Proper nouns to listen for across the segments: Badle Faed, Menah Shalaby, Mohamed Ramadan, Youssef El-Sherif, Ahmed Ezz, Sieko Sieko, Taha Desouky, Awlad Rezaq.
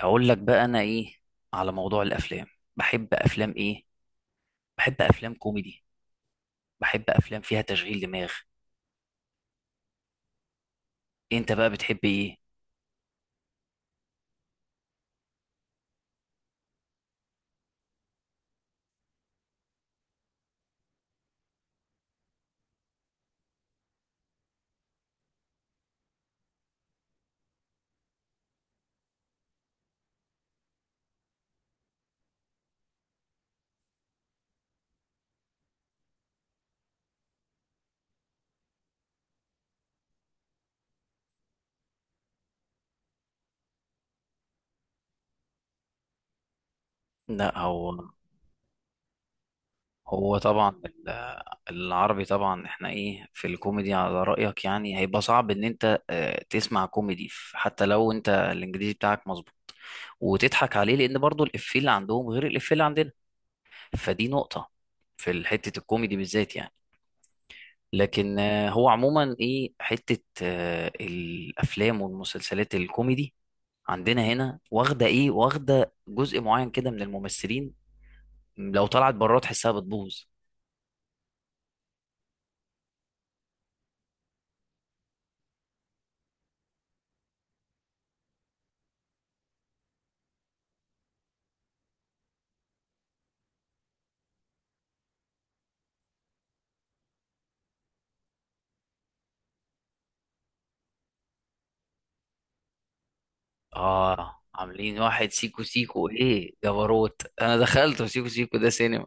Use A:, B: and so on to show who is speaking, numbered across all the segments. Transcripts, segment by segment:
A: اقول لك بقى، انا ايه على موضوع الافلام؟ بحب افلام ايه؟ بحب افلام كوميدي. بحب افلام فيها تشغيل دماغ. انت بقى بتحب ايه؟ لا، هو طبعا العربي، طبعا احنا ايه في الكوميدي على رأيك، يعني هيبقى صعب ان انت تسمع كوميدي حتى لو انت الانجليزي بتاعك مظبوط وتضحك عليه، لان برضو الافيه اللي عندهم غير الافيه اللي عندنا. فدي نقطة في حتة الكوميدي بالذات يعني. لكن هو عموما ايه، حتة الافلام والمسلسلات الكوميدي عندنا هنا واخدة جزء معين كده من الممثلين. لو طلعت بره تحسها بتبوظ. اه، عاملين واحد سيكو سيكو ايه جبروت، انا دخلت سيكو سيكو ده سينما.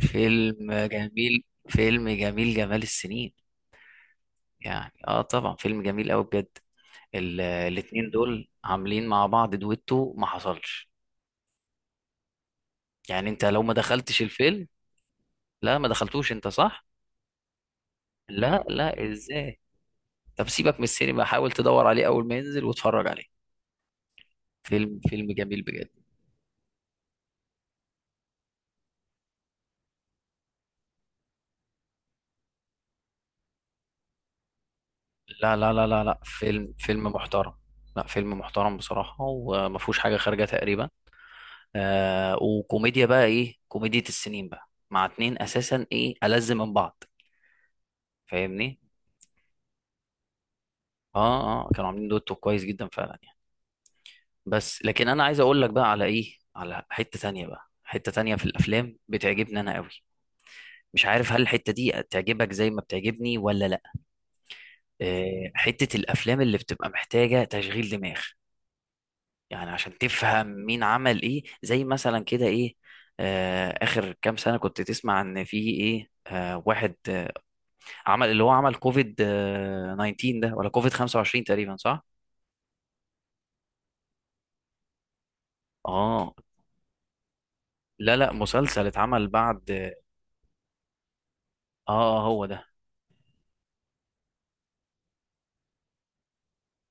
A: فيلم جميل. فيلم جميل، جمال السنين. يعني اه طبعا فيلم جميل قوي بجد. الاتنين دول عاملين مع بعض دويتو ما حصلش. يعني انت لو ما دخلتش الفيلم؟ لا، ما دخلتوش انت، صح؟ لا لا، ازاي! طب سيبك من السينما، حاول تدور عليه اول ما ينزل واتفرج عليه. فيلم جميل بجد. لا لا لا لا لا، فيلم محترم. لا، فيلم محترم بصراحة، وما فيهوش حاجة خارجة تقريبا. وكوميديا بقى ايه، كوميديا السنين بقى، مع اتنين اساسا، ايه ألذ من بعض. فاهمني؟ اه اه، كانوا عاملين دوتو كويس جدا فعلا يعني. بس لكن انا عايز اقول لك بقى على ايه، على حتة تانية بقى، حتة تانية في الافلام بتعجبني انا قوي. مش عارف هل الحتة دي تعجبك زي ما بتعجبني ولا لا. حتة الأفلام اللي بتبقى محتاجة تشغيل دماغ، يعني عشان تفهم مين عمل إيه، زي مثلا كده إيه. آخر كام سنة كنت تسمع إن في إيه، واحد عمل اللي هو عمل كوفيد 19 ده، ولا كوفيد 25 تقريبا، صح؟ آه. لا لا، مسلسل اتعمل بعد. آه آه، هو ده.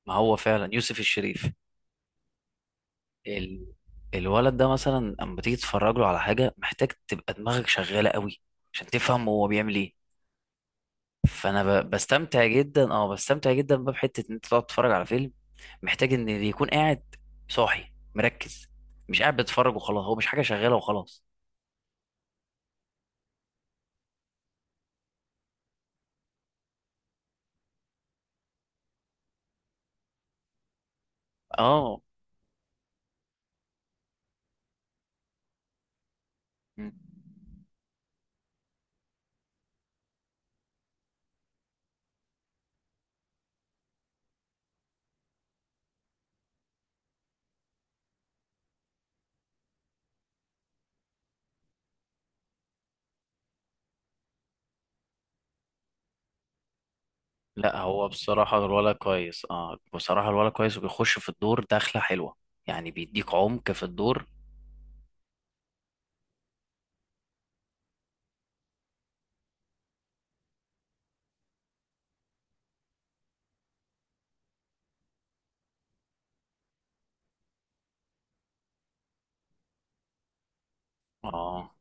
A: ما هو فعلا يوسف الشريف. ال... الولد ده مثلا اما تيجي تتفرج له على حاجه، محتاج تبقى دماغك شغاله قوي عشان تفهم هو بيعمل ايه. فانا ب... بستمتع جدا اه بستمتع جدا بقى، بحته ان انت تقعد تتفرج على فيلم محتاج ان اللي يكون قاعد صاحي مركز، مش قاعد بيتفرج وخلاص، هو مش حاجه شغاله وخلاص. اه، م. لا، هو بصراحه الولد كويس. اه بصراحه الولد كويس، وبيخش في الدور دخله حلوه، يعني بيديك عمق في الدور. اه،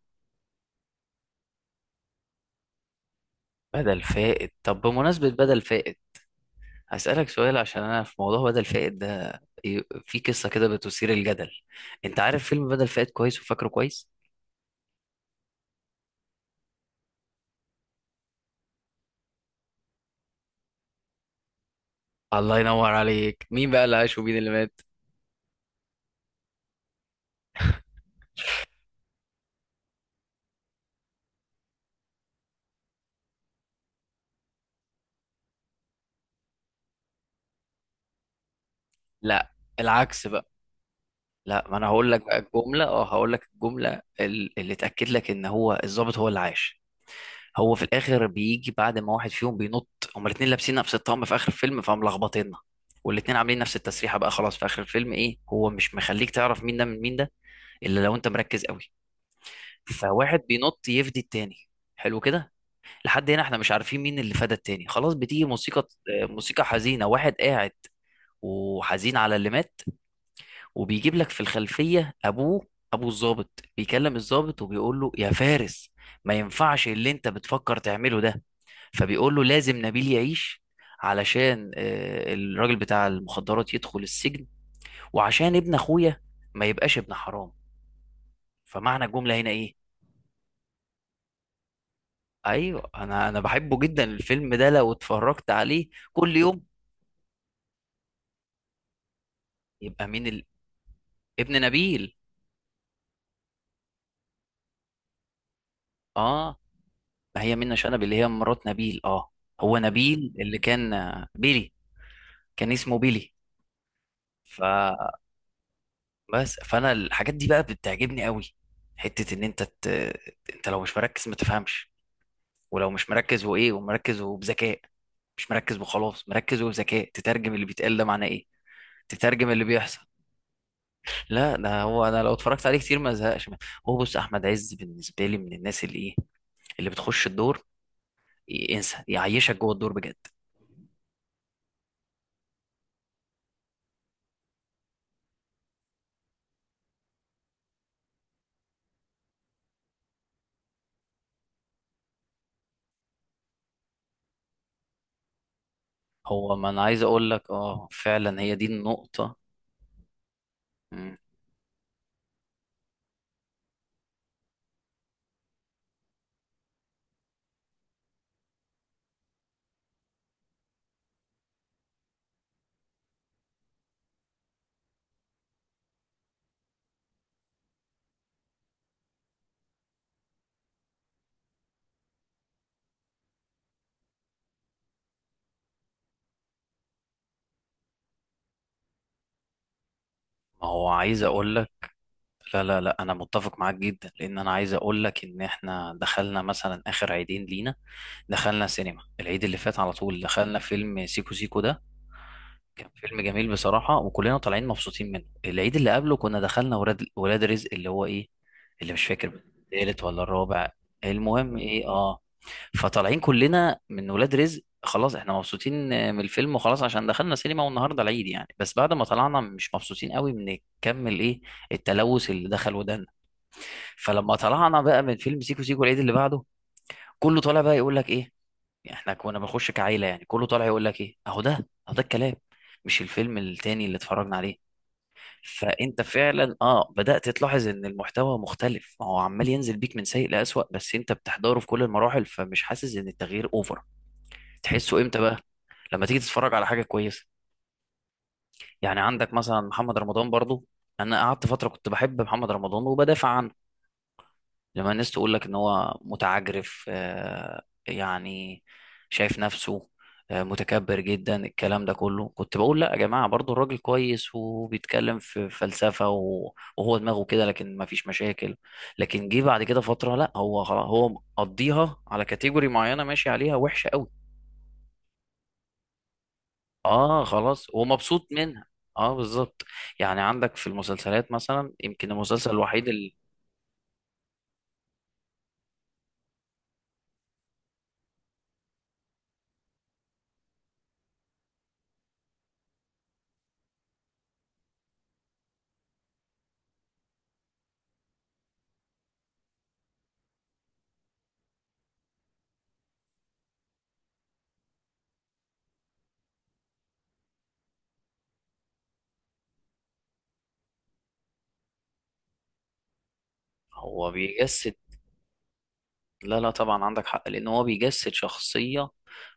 A: بدل فائد. طب بمناسبه بدل فائد، هسألك سؤال عشان أنا في موضوع بدل فائد ده في قصة كده بتثير الجدل. أنت عارف فيلم بدل فائد كويس وفاكره كويس؟ الله ينور عليك، مين بقى اللي عاش ومين اللي مات؟ لا، العكس بقى. لا، ما أنا هقول لك بقى الجملة، أه هقول لك الجملة ال- اللي تأكد لك إن هو الضابط هو اللي عاش. هو في الآخر بيجي بعد ما واحد فيهم بينط، هما الاتنين لابسين نفس الطقم في آخر الفيلم، فملخبطينا. والاتنين عاملين نفس التسريحة بقى خلاص، في آخر الفيلم إيه، هو مش مخليك تعرف مين ده من مين ده، إلا لو أنت مركز قوي. فواحد بينط يفدي التاني، حلو كده. لحد هنا احنا مش عارفين مين اللي فدى التاني، خلاص. بتيجي موسيقى، موسيقى حزينة، واحد قاعد وحزين على اللي مات، وبيجيب لك في الخلفية ابوه، ابو الضابط بيكلم الضابط وبيقول له: يا فارس، ما ينفعش اللي انت بتفكر تعمله ده. فبيقول له: لازم نبيل يعيش، علشان الراجل بتاع المخدرات يدخل السجن، وعشان ابن اخويا ما يبقاش ابن حرام. فمعنى الجملة هنا ايه؟ ايوه، انا بحبه جدا الفيلم ده، لو اتفرجت عليه كل يوم. يبقى مين ابن نبيل. اه. ما هي منة شلبي اللي هي مرات نبيل، اه. هو نبيل اللي كان بيلي، كان اسمه بيلي، فبس. فانا الحاجات دي بقى بتعجبني قوي، حتة ان انت انت لو مش مركز ما تفهمش. ولو مش مركز ومركز وبذكاء، مش مركز وخلاص، مركز وبذكاء، تترجم اللي بيتقال ده معناه ايه، تترجم اللي بيحصل. لا، ده هو، انا لو اتفرجت عليه كتير ما ازهقش منه. هو بص، احمد عز بالنسبه لي من الناس اللي ايه، اللي بتخش الدور انسى، يعيشك جوه الدور بجد. هو، ما انا عايز اقول لك، اه فعلا هي دي النقطه. مم. ما هو عايز اقول لك، لا لا لا، انا متفق معاك جدا، لان انا عايز اقول لك ان احنا دخلنا مثلا اخر عيدين لينا، دخلنا سينما. العيد اللي فات على طول دخلنا فيلم سيكو سيكو ده، كان فيلم جميل بصراحة، وكلنا طالعين مبسوطين منه. العيد اللي قبله كنا دخلنا ولاد رزق، اللي هو ايه، اللي مش فاكر التالت ولا الرابع، المهم ايه، اه. فطالعين كلنا من ولاد رزق خلاص، احنا مبسوطين من الفيلم وخلاص، عشان دخلنا سينما والنهارده العيد يعني. بس بعد ما طلعنا، مش مبسوطين قوي من كم الايه، التلوث اللي دخل ودنا. فلما طلعنا بقى من فيلم سيكو سيكو العيد اللي بعده، كله طالع بقى يقول لك ايه، يعني احنا كنا بنخش كعيله يعني. كله طالع يقول لك ايه، اهو ده اهو ده الكلام، مش الفيلم التاني اللي اتفرجنا عليه. فانت فعلا اه بدات تلاحظ ان المحتوى مختلف، ما هو عمال ينزل بيك من سيء لاسوأ، بس انت بتحضره في كل المراحل، فمش حاسس ان التغيير اوفر. تحسه امتى بقى؟ لما تيجي تتفرج على حاجه كويسه. يعني عندك مثلا محمد رمضان برضو. انا قعدت فتره كنت بحب محمد رمضان وبدافع عنه، لما الناس تقول لك ان هو متعجرف يعني شايف نفسه، متكبر جدا، الكلام ده كله كنت بقول: لا يا جماعة برضو الراجل كويس، وبيتكلم في فلسفة وهو دماغه كده، لكن ما فيش مشاكل. لكن جه بعد كده فترة، لا، هو خلاص، هو مقضيها على كاتيجوري معينة ماشي عليها وحشة قوي. اه خلاص، ومبسوط منها. اه بالظبط. يعني عندك في المسلسلات مثلا، يمكن المسلسل الوحيد اللي هو بيجسد. لا لا، طبعا عندك حق، لان هو بيجسد شخصيه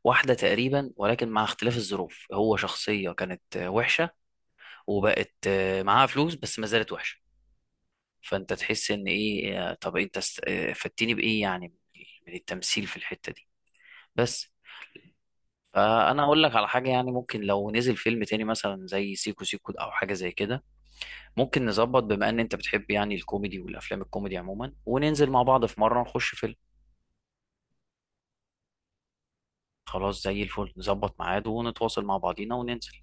A: واحده تقريبا، ولكن مع اختلاف الظروف، هو شخصيه كانت وحشه، وبقت معاها فلوس بس ما زالت وحشه. فانت تحس ان ايه، طب انت فدتني بايه يعني، من التمثيل في الحته دي، بس. فانا اقول لك على حاجه، يعني ممكن لو نزل فيلم تاني مثلا زي سيكو سيكو او حاجه زي كده، ممكن نظبط، بما ان انت بتحب يعني الكوميدي والافلام الكوميدي عموما، وننزل مع بعض في مره نخش فيلم. خلاص زي الفل، نظبط ميعاد ونتواصل مع بعضينا وننزل.